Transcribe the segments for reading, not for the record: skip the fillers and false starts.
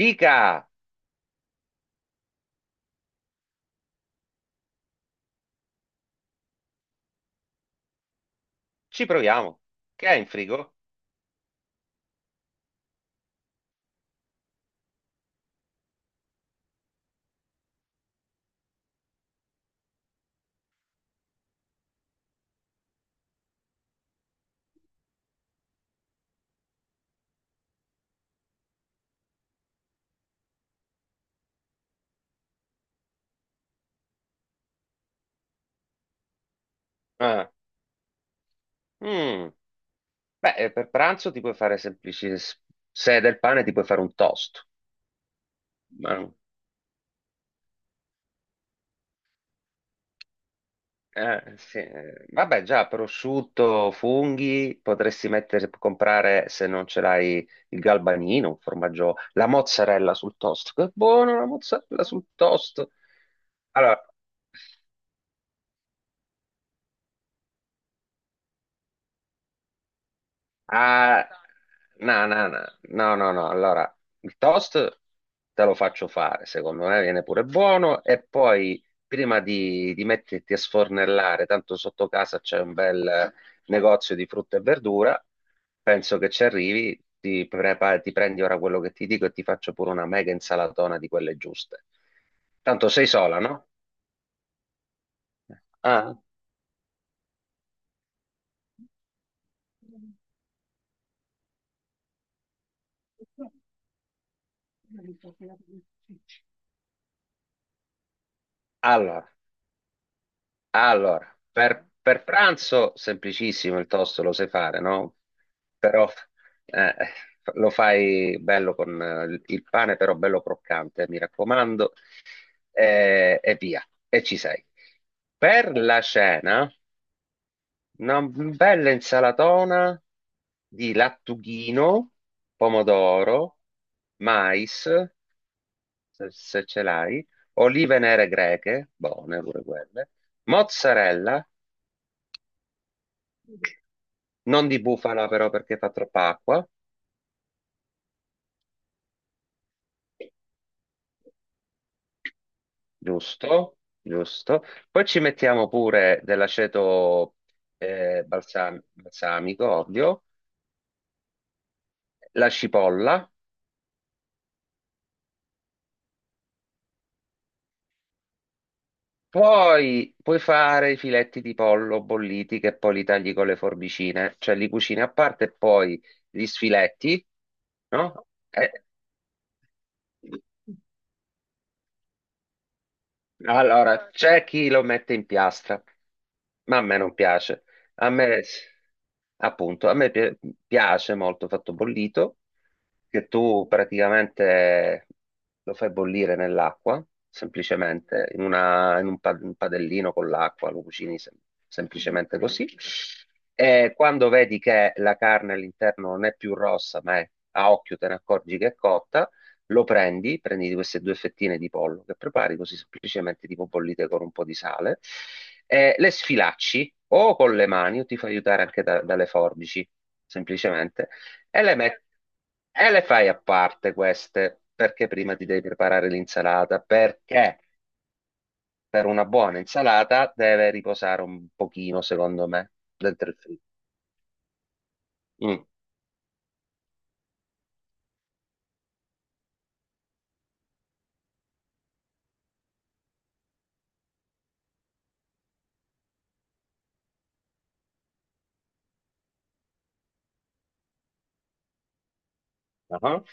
Dica, ci proviamo. Che hai in frigo? Ah, mm, beh, per pranzo ti puoi fare se è del pane ti puoi fare un toast. Ma- sì, vabbè, già, prosciutto, funghi, potresti mettere, comprare, se non ce l'hai, il galbanino, un formaggio, la mozzarella sul toast. Che buono la mozzarella sul toast. Allora, ah, no, no, no, no, no, no. Allora, il toast te lo faccio fare, secondo me viene pure buono e poi prima di metterti a sfornellare, tanto sotto casa c'è un bel negozio di frutta e verdura, penso che ci arrivi, ti prendi ora quello che ti dico e ti faccio pure una mega insalatona di quelle giuste. Tanto sei sola, no? Ah. Allora. Allora, per pranzo semplicissimo il tosto lo sai fare, no? Però eh, lo fai bello con il pane, però bello croccante, mi raccomando, e via, e ci sei. Per la cena, una bella insalatona di lattughino, pomodoro, mais, se ce l'hai, olive nere greche, buone pure quelle, mozzarella. Non di bufala però perché fa troppa acqua, giusto, giusto. Poi ci mettiamo pure dell'aceto balsamico, ovvio, la cipolla. Poi puoi fare i filetti di pollo bolliti che poi li tagli con le forbicine, cioè li cucini a parte e poi gli sfiletti, no? Allora, c'è chi lo mette in piastra, ma a me non piace. A me, appunto, a me piace molto fatto bollito, che tu praticamente lo fai bollire nell'acqua, semplicemente, in un, un padellino con l'acqua, lo cucini semplicemente così. E quando vedi che la carne all'interno non è più rossa, ma è a occhio te ne accorgi che è cotta, prendi queste due fettine di pollo che prepari così semplicemente tipo bollite con un po' di sale, le sfilacci o con le mani o ti fai aiutare anche dalle forbici, semplicemente, e le metti. E le fai a parte queste, perché prima ti devi preparare l'insalata, perché per una buona insalata deve riposare un pochino, secondo me, dentro il frigo. Mm. Ah,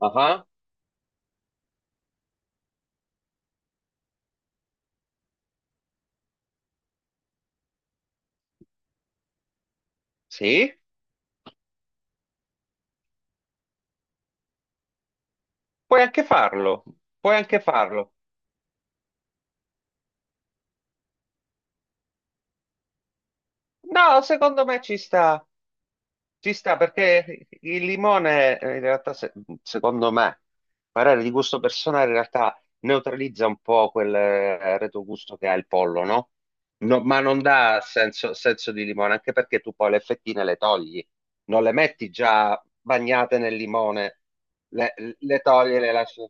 ah, ah. Sì, puoi anche farlo, puoi anche farlo. No, secondo me ci sta perché il limone, in realtà, secondo me, parere di gusto personale, in realtà neutralizza un po' quel retrogusto che ha il pollo, no? No, ma non dà senso, senso di limone, anche perché tu poi le fettine le togli, non le metti già bagnate nel limone, le, le togli e le lasci.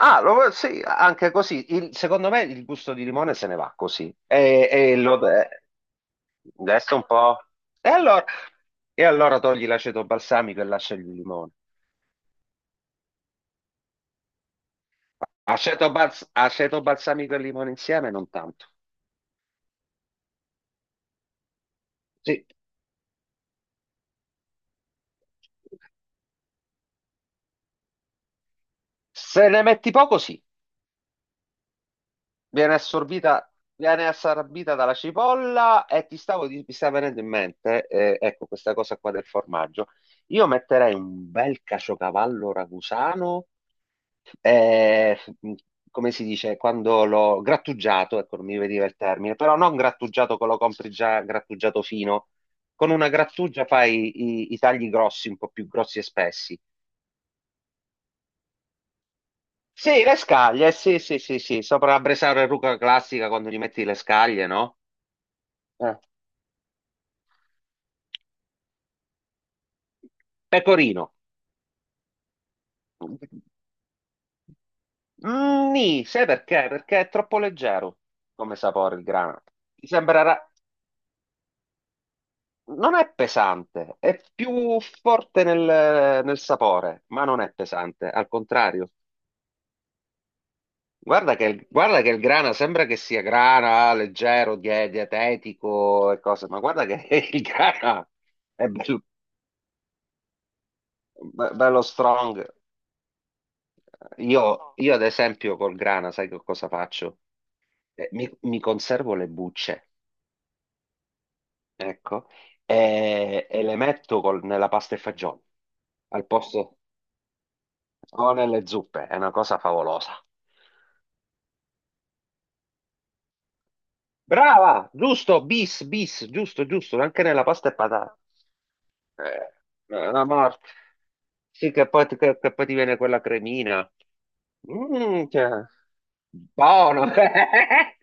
Ah, sì, anche così. Secondo me il gusto di limone se ne va così. E lo. Adesso un po'. E allora, e allora, togli l'aceto balsamico e lascia il limone. Aceto balsamico e limone insieme, non tanto. Sì. Se ne metti poco, sì. Viene assorbita dalla cipolla e mi sta venendo in mente, ecco, questa cosa qua del formaggio. Io metterei un bel caciocavallo ragusano, eh, come si dice, quando l'ho grattugiato, ecco, non mi veniva il termine, però non grattugiato che lo compri già grattugiato fino, con una grattugia fai i tagli grossi, un po' più grossi e spessi. Sì, le scaglie, sì, sì, sì, sì, sopra la bresaola e rucola classica quando gli metti le scaglie, no? Eh. Pecorino. Nì, sai perché? Perché è troppo leggero come sapore il grana. Ti sembrerà, non è pesante, è più forte nel sapore, ma non è pesante, al contrario. Guarda che, guarda che il grana sembra che sia grana, leggero, dietetico e cose, ma guarda che il grana è bello, bello strong. Io ad esempio col grana, sai che cosa faccio? Mi conservo le bucce, ecco, e le metto nella pasta e fagioli, al posto o nelle zuppe, è una cosa favolosa. Brava, giusto, bis, bis, giusto, giusto, anche nella pasta e patate. Eh, la morte. Sì, che poi ti viene quella cremina. Mm, che... Buono.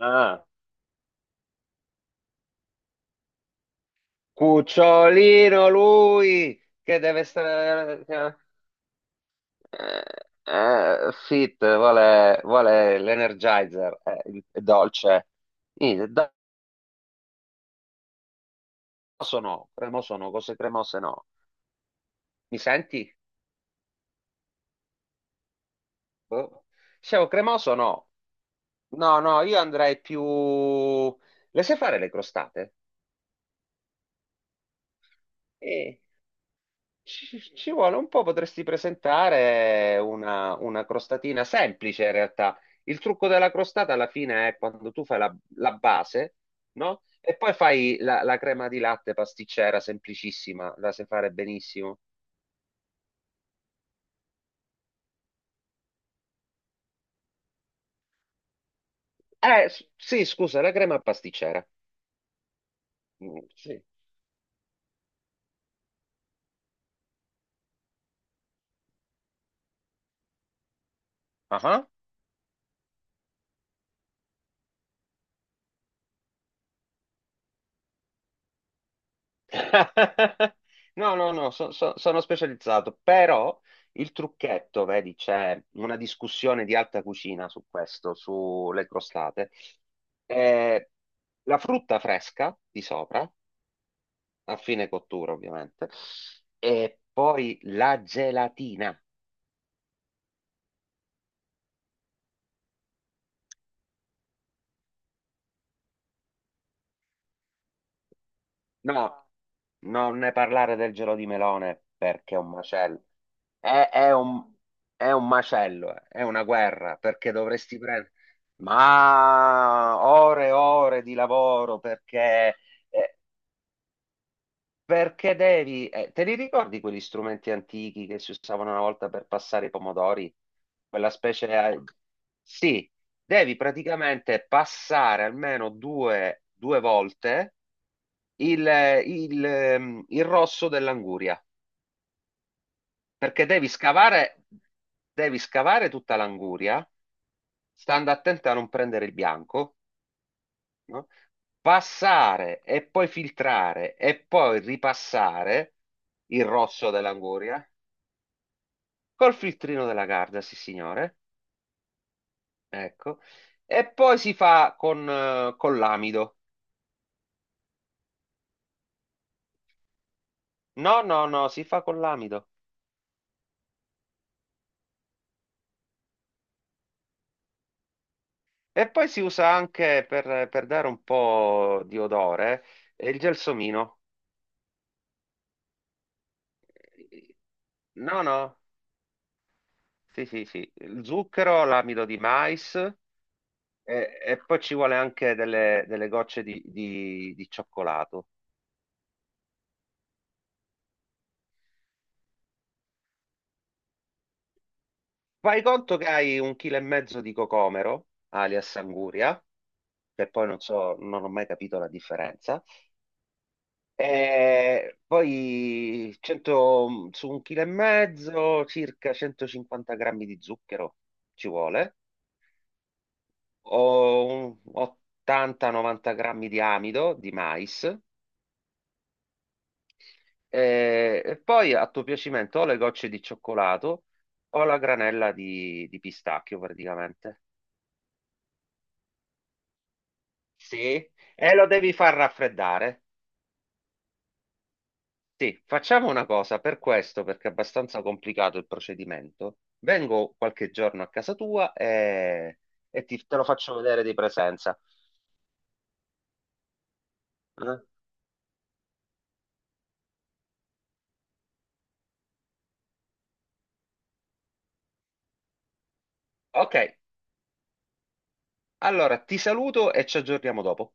Ah, cucciolino lui, che deve stare... che- fit, vuole l'Energizer, è dolce. Niente, sono, cremoso no, cremose no, cose cremose no. Mi senti? Boh. Scemo cremoso no. No, no, io andrei più. Le sai fare le crostate? Eh, ci vuole un po', potresti presentare una, crostatina semplice in realtà. Il trucco della crostata alla fine è quando tu fai la, la, base, no? E poi fai la crema di latte pasticcera, semplicissima, la sai fare benissimo. Sì, scusa, la crema pasticcera. Mm, sì. Ah. No, no, no, sono specializzato, però il trucchetto, vedi, c'è una discussione di alta cucina su questo, sulle crostate. Eh, la frutta fresca di sopra, a fine cottura ovviamente, e poi la gelatina. No, non ne parlare del gelo di melone perché è un macello. È, è un, è un macello. È una guerra perché dovresti prendere. Ma ore e ore di lavoro perché, eh, perché, devi. Te li ricordi quegli strumenti antichi che si usavano una volta per passare i pomodori? Quella specie. Sì, devi praticamente passare almeno due volte il, il rosso dell'anguria, perché devi scavare tutta l'anguria, stando attento a non prendere il bianco, no? Passare e poi filtrare e poi ripassare il rosso dell'anguria col filtrino della Garda, sì signore, ecco, e poi si fa con l'amido. No, no, no, si fa con l'amido. E poi si usa anche per dare un po' di odore, il gelsomino. No, no, sì, sì, sì. Il zucchero, l'amido di mais e poi ci vuole anche delle gocce di cioccolato. Fai conto che hai un chilo e mezzo di cocomero, alias anguria, che poi non so, non ho mai capito la differenza. E poi 100 su un chilo e mezzo, circa 150 grammi di zucchero ci vuole, o un 80-90 grammi di amido di mais, e poi a tuo piacimento o le gocce di cioccolato o la granella di pistacchio praticamente. Sì, e lo devi far raffreddare. Sì, facciamo una cosa per questo, perché è abbastanza complicato il procedimento. Vengo qualche giorno a casa tua e te lo faccio vedere di presenza. Eh? Ok, allora ti saluto e ci aggiorniamo dopo.